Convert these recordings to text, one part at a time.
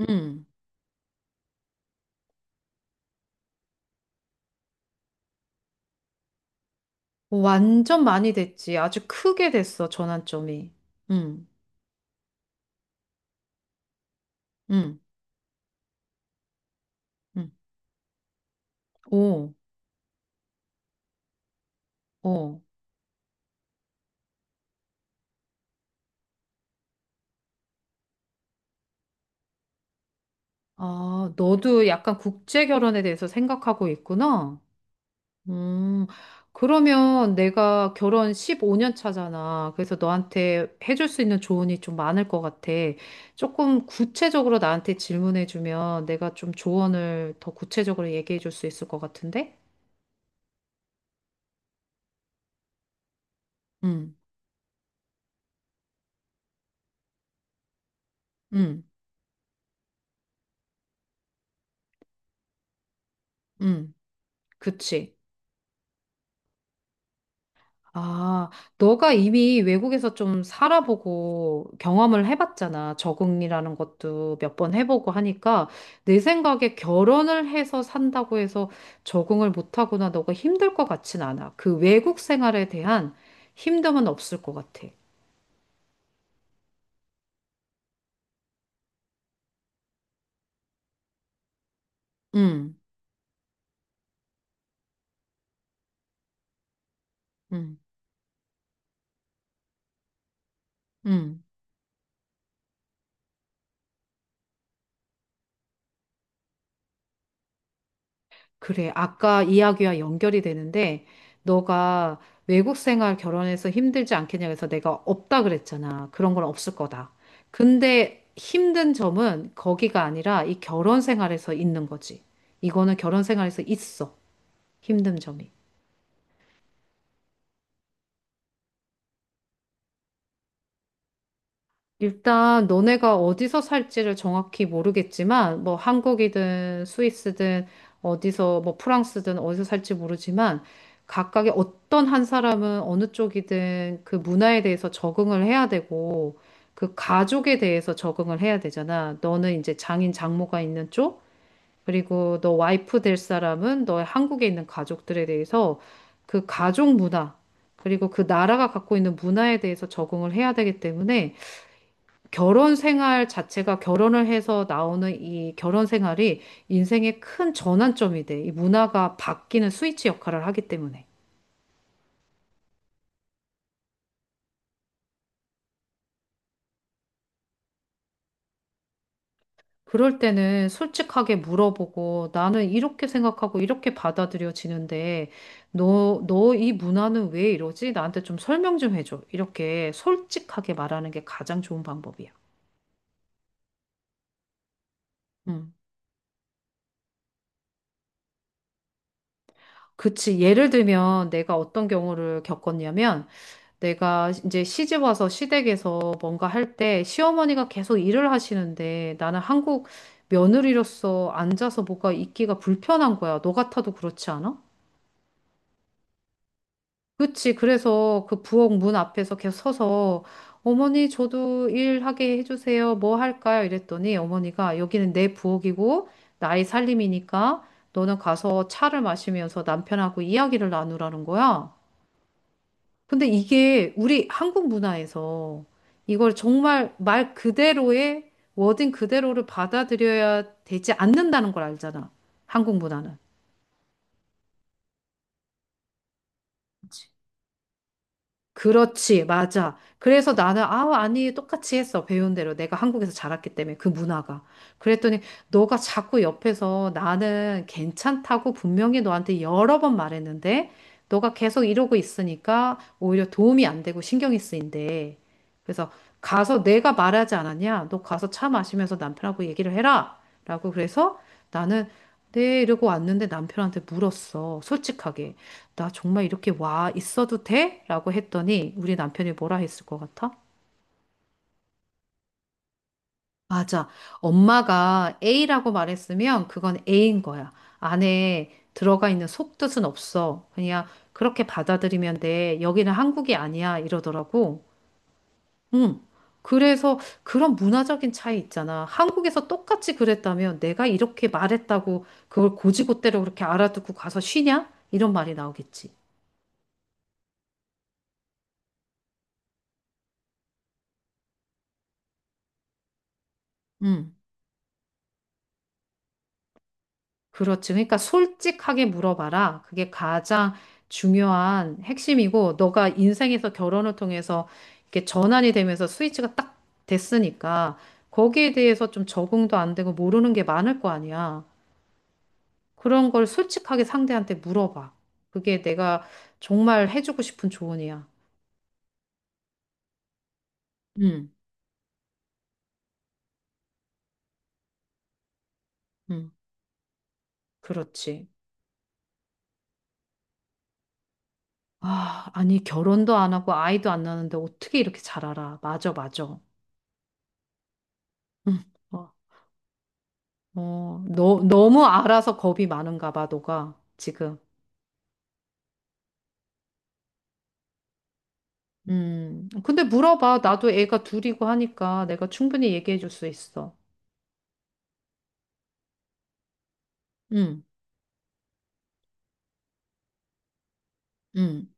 음. 완전 많이 됐지. 아주 크게 됐어, 전환점이. 음. 음. 음. 오. 오. 아, 너도 약간 국제 결혼에 대해서 생각하고 있구나. 음. 그러면 내가 결혼 15년 차잖아. 그래서 너한테 해줄 수 있는 조언이 좀 많을 것 같아. 조금 구체적으로 나한테 질문해주면 내가 좀 조언을 더 구체적으로 얘기해줄 수 있을 것 같은데? 음. 음. 음. 그치. 아, 너가 이미 외국에서 좀 살아보고 경험을 해봤잖아. 적응이라는 것도 몇 번 해보고 하니까 내 생각에 결혼을 해서 산다고 해서 적응을 못하거나 너가 힘들 것 같진 않아. 그 외국 생활에 대한 힘듦은 없을 것 같아. 응, 응, 응. 그래, 아까 이야기와 연결이 되는데, 너가 외국 생활 결혼해서 힘들지 않겠냐 그래서 내가 없다 그랬잖아. 그런 건 없을 거다. 근데 힘든 점은 거기가 아니라 이 결혼 생활에서 있는 거지. 이거는 결혼 생활에서 있어. 힘든 점이. 일단 너네가 어디서 살지를 정확히 모르겠지만 뭐 한국이든 스위스든 어디서 뭐 프랑스든 어디서 살지 모르지만 각각의 어떤 한 사람은 어느 쪽이든 그 문화에 대해서 적응을 해야 되고 그 가족에 대해서 적응을 해야 되잖아. 너는 이제 장인 장모가 있는 쪽 그리고 너 와이프 될 사람은 너의 한국에 있는 가족들에 대해서 그 가족 문화 그리고 그 나라가 갖고 있는 문화에 대해서 적응을 해야 되기 때문에 결혼 생활 자체가 결혼을 해서 나오는 이 결혼 생활이 인생의 큰 전환점이 돼. 이 문화가 바뀌는 스위치 역할을 하기 때문에. 그럴 때는 솔직하게 물어보고 나는 이렇게 생각하고 이렇게 받아들여지는데 너 이 문화는 왜 이러지? 나한테 좀 설명 좀 해줘. 이렇게 솔직하게 말하는 게 가장 좋은 방법이야. 음. 그치. 예를 들면 내가 어떤 경우를 겪었냐면 내가 이제 시집 와서 시댁에서 뭔가 할 때 시어머니가 계속 일을 하시는데 나는 한국 며느리로서 앉아서 뭐가 있기가 불편한 거야. 너 같아도 그렇지 않아? 그치. 그래서 그 부엌 문 앞에서 계속 서서 어머니 저도 일하게 해주세요. 뭐 할까요? 이랬더니 어머니가 여기는 내 부엌이고 나의 살림이니까 너는 가서 차를 마시면서 남편하고 이야기를 나누라는 거야. 근데 이게 우리 한국 문화에서 이걸 정말 말 그대로의 워딩 그대로를 받아들여야 되지 않는다는 걸 알잖아. 한국 문화는. 그렇지, 맞아. 그래서 나는, 아, 아니, 똑같이 했어. 배운 대로. 내가 한국에서 자랐기 때문에, 그 문화가. 그랬더니, 너가 자꾸 옆에서 나는 괜찮다고 분명히 너한테 여러 번 말했는데, 너가 계속 이러고 있으니까 오히려 도움이 안 되고 신경이 쓰인대. 그래서 가서 내가 말하지 않았냐? 너 가서 차 마시면서 남편하고 얘기를 해라. 라고 그래서 나는, 네, 이러고 왔는데 남편한테 물었어. 솔직하게. 나 정말 이렇게 와 있어도 돼? 라고 했더니 우리 남편이 뭐라 했을 것 같아? 맞아. 엄마가 A라고 말했으면 그건 A인 거야. 안에 들어가 있는 속뜻은 없어. 그냥 그렇게 받아들이면 돼. 여기는 한국이 아니야. 이러더라고. 응. 그래서 그런 문화적인 차이 있잖아. 한국에서 똑같이 그랬다면 내가 이렇게 말했다고 그걸 고지고대로 그렇게 알아듣고 가서 쉬냐? 이런 말이 나오겠지. 응. 그렇지. 그러니까 솔직하게 물어봐라. 그게 가장 중요한 핵심이고, 너가 인생에서 결혼을 통해서 이렇게 전환이 되면서 스위치가 딱 됐으니까, 거기에 대해서 좀 적응도 안 되고 모르는 게 많을 거 아니야. 그런 걸 솔직하게 상대한테 물어봐. 그게 내가 정말 해주고 싶은 조언이야. 응, 응, 그렇지. 아, 아니, 결혼도 안 하고 아이도 안 낳는데 어떻게 이렇게 잘 알아? 맞아, 맞아. 응. 어. 어, 너, 너무 알아서 겁이 많은가 봐, 너가 지금. 근데 물어봐. 나도 애가 둘이고 하니까 내가 충분히 얘기해 줄 수 있어. 음, 음.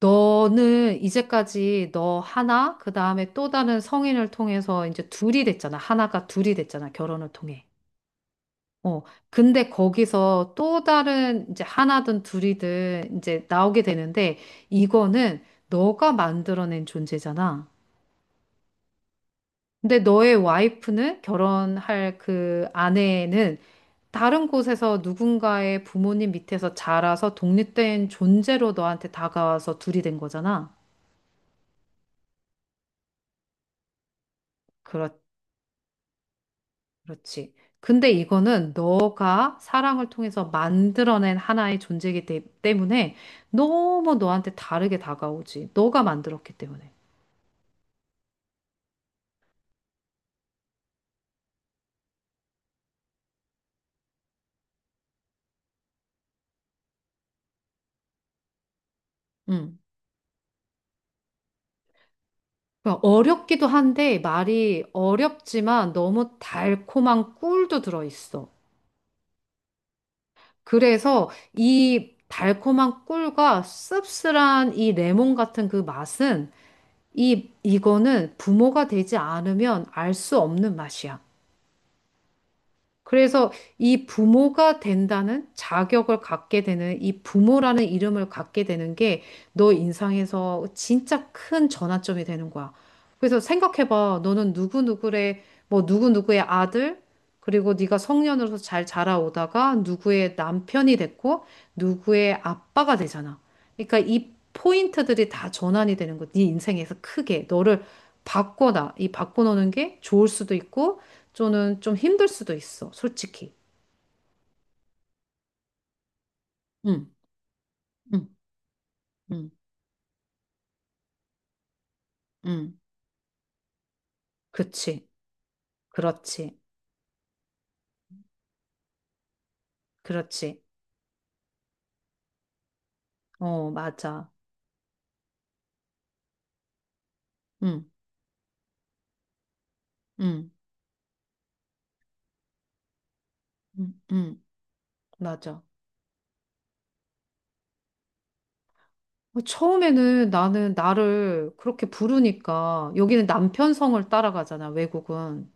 너는 이제까지 너 하나, 그 다음에 또 다른 성인을 통해서 이제 둘이 됐잖아. 하나가 둘이 됐잖아. 결혼을 통해. 어, 근데 거기서 또 다른 이제 하나든 둘이든 이제 나오게 되는데 이거는 너가 만들어낸 존재잖아. 근데 너의 와이프는 결혼할 그 아내는 다른 곳에서 누군가의 부모님 밑에서 자라서 독립된 존재로 너한테 다가와서 둘이 된 거잖아. 그렇, 그렇지. 근데 이거는 너가 사랑을 통해서 만들어낸 하나의 존재이기 때문에 너무 너한테 다르게 다가오지. 너가 만들었기 때문에. 음. 그러니까 어렵기도 한데 말이 어렵지만 너무 달콤한 꿀도 들어있어. 그래서 이 달콤한 꿀과 씁쓸한 이 레몬 같은 그 맛은 이 이거는 부모가 되지 않으면 알 수 없는 맛이야. 그래서 이 부모가 된다는 자격을 갖게 되는 이 부모라는 이름을 갖게 되는 게 너 인상에서 진짜 큰 전환점이 되는 거야. 그래서 생각해봐. 너는 누구누구의 뭐 누구누구의 아들 그리고 네가 성년으로서 잘 자라오다가 누구의 남편이 됐고 누구의 아빠가 되잖아. 그러니까 이 포인트들이 다 전환이 되는 거. 네 인생에서 크게 너를 바꿔놔. 이 바꿔놓는 게 좋을 수도 있고 저는 좀 힘들 수도 있어, 솔직히. 응, 응, 응, 응, 그치, 그렇지, 그렇지. 어, 맞아, 응, 응, 응, 응. 맞아. 어, 처음에는 나는 나를 그렇게 부르니까, 여기는 남편 성을 따라가잖아, 외국은.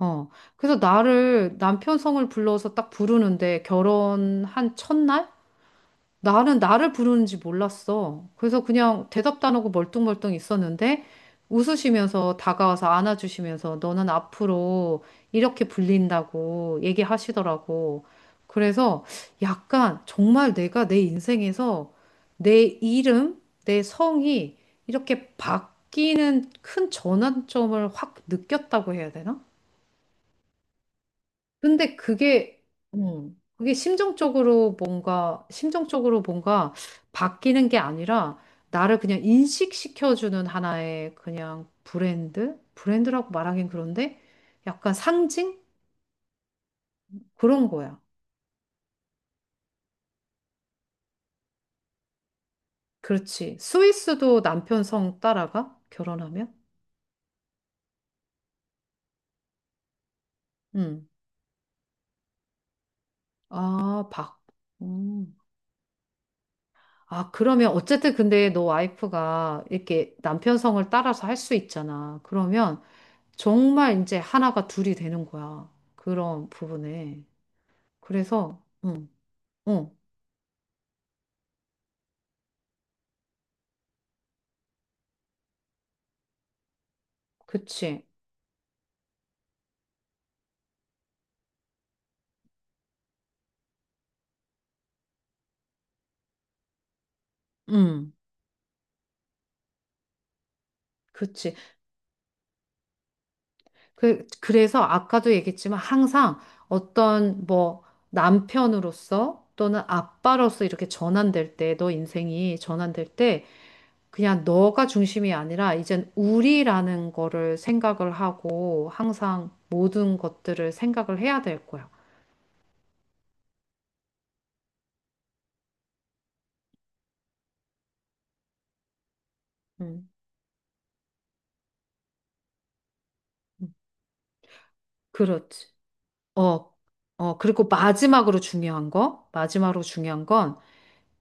어, 그래서 나를 남편 성을 불러서 딱 부르는데, 결혼한 첫날? 나는 나를 부르는지 몰랐어. 그래서 그냥 대답도 안 하고 멀뚱멀뚱 있었는데 웃으시면서 다가와서 안아주시면서 너는 앞으로 이렇게 불린다고 얘기하시더라고. 그래서 약간 정말 내가 내 인생에서 내 이름, 내 성이 이렇게 바뀌는 큰 전환점을 확 느꼈다고 해야 되나? 근데 그게, 그게 심정적으로 뭔가, 심정적으로 뭔가 바뀌는 게 아니라 나를 그냥 인식시켜주는 하나의 그냥 브랜드? 브랜드라고 말하긴 그런데 약간 상징? 그런 거야. 그렇지. 스위스도 남편 성 따라가? 결혼하면? 음. 아, 박. 음. 아, 그러면 어쨌든 근데 너 와이프가 이렇게 남편 성을 따라서 할 수 있잖아. 그러면 정말 이제 하나가 둘이 되는 거야. 그런 부분에. 그래서, 응, 응, 그치, 응, 그치. 그래서 아까도 얘기했지만 항상 어떤 뭐 남편으로서 또는 아빠로서 이렇게 전환될 때, 너 인생이 전환될 때, 그냥 너가 중심이 아니라 이젠 우리라는 거를 생각을 하고 항상 모든 것들을 생각을 해야 될 거야. 응, 응. 그렇지. 어, 어, 그리고 마지막으로 중요한 거, 마지막으로 중요한 건,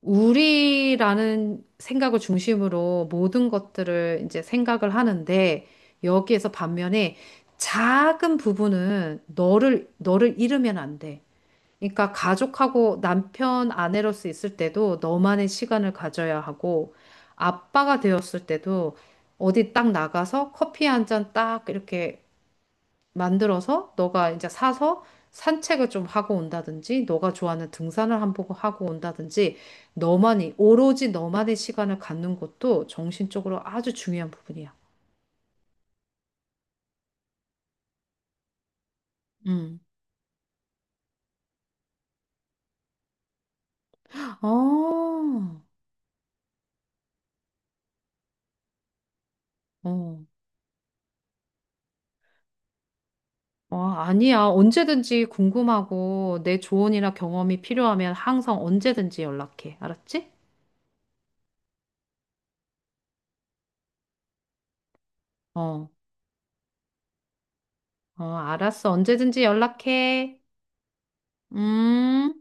우리라는 생각을 중심으로 모든 것들을 이제 생각을 하는데, 여기에서 반면에 작은 부분은 너를 잃으면 안 돼. 그러니까 가족하고 남편, 아내로서 있을 때도 너만의 시간을 가져야 하고, 아빠가 되었을 때도 어디 딱 나가서 커피 한 잔 딱 이렇게 만들어서 너가 이제 사서 산책을 좀 하고 온다든지, 너가 좋아하는 등산을 한 번 하고 온다든지, 너만이, 오로지 너만의 시간을 갖는 것도 정신적으로 아주 중요한 부분이야. 음. 어, 어. 어, 아니야. 언제든지 궁금하고 내 조언이나 경험이 필요하면 항상 언제든지 연락해. 알았지? 어, 어, 알았어. 언제든지 연락해. 음.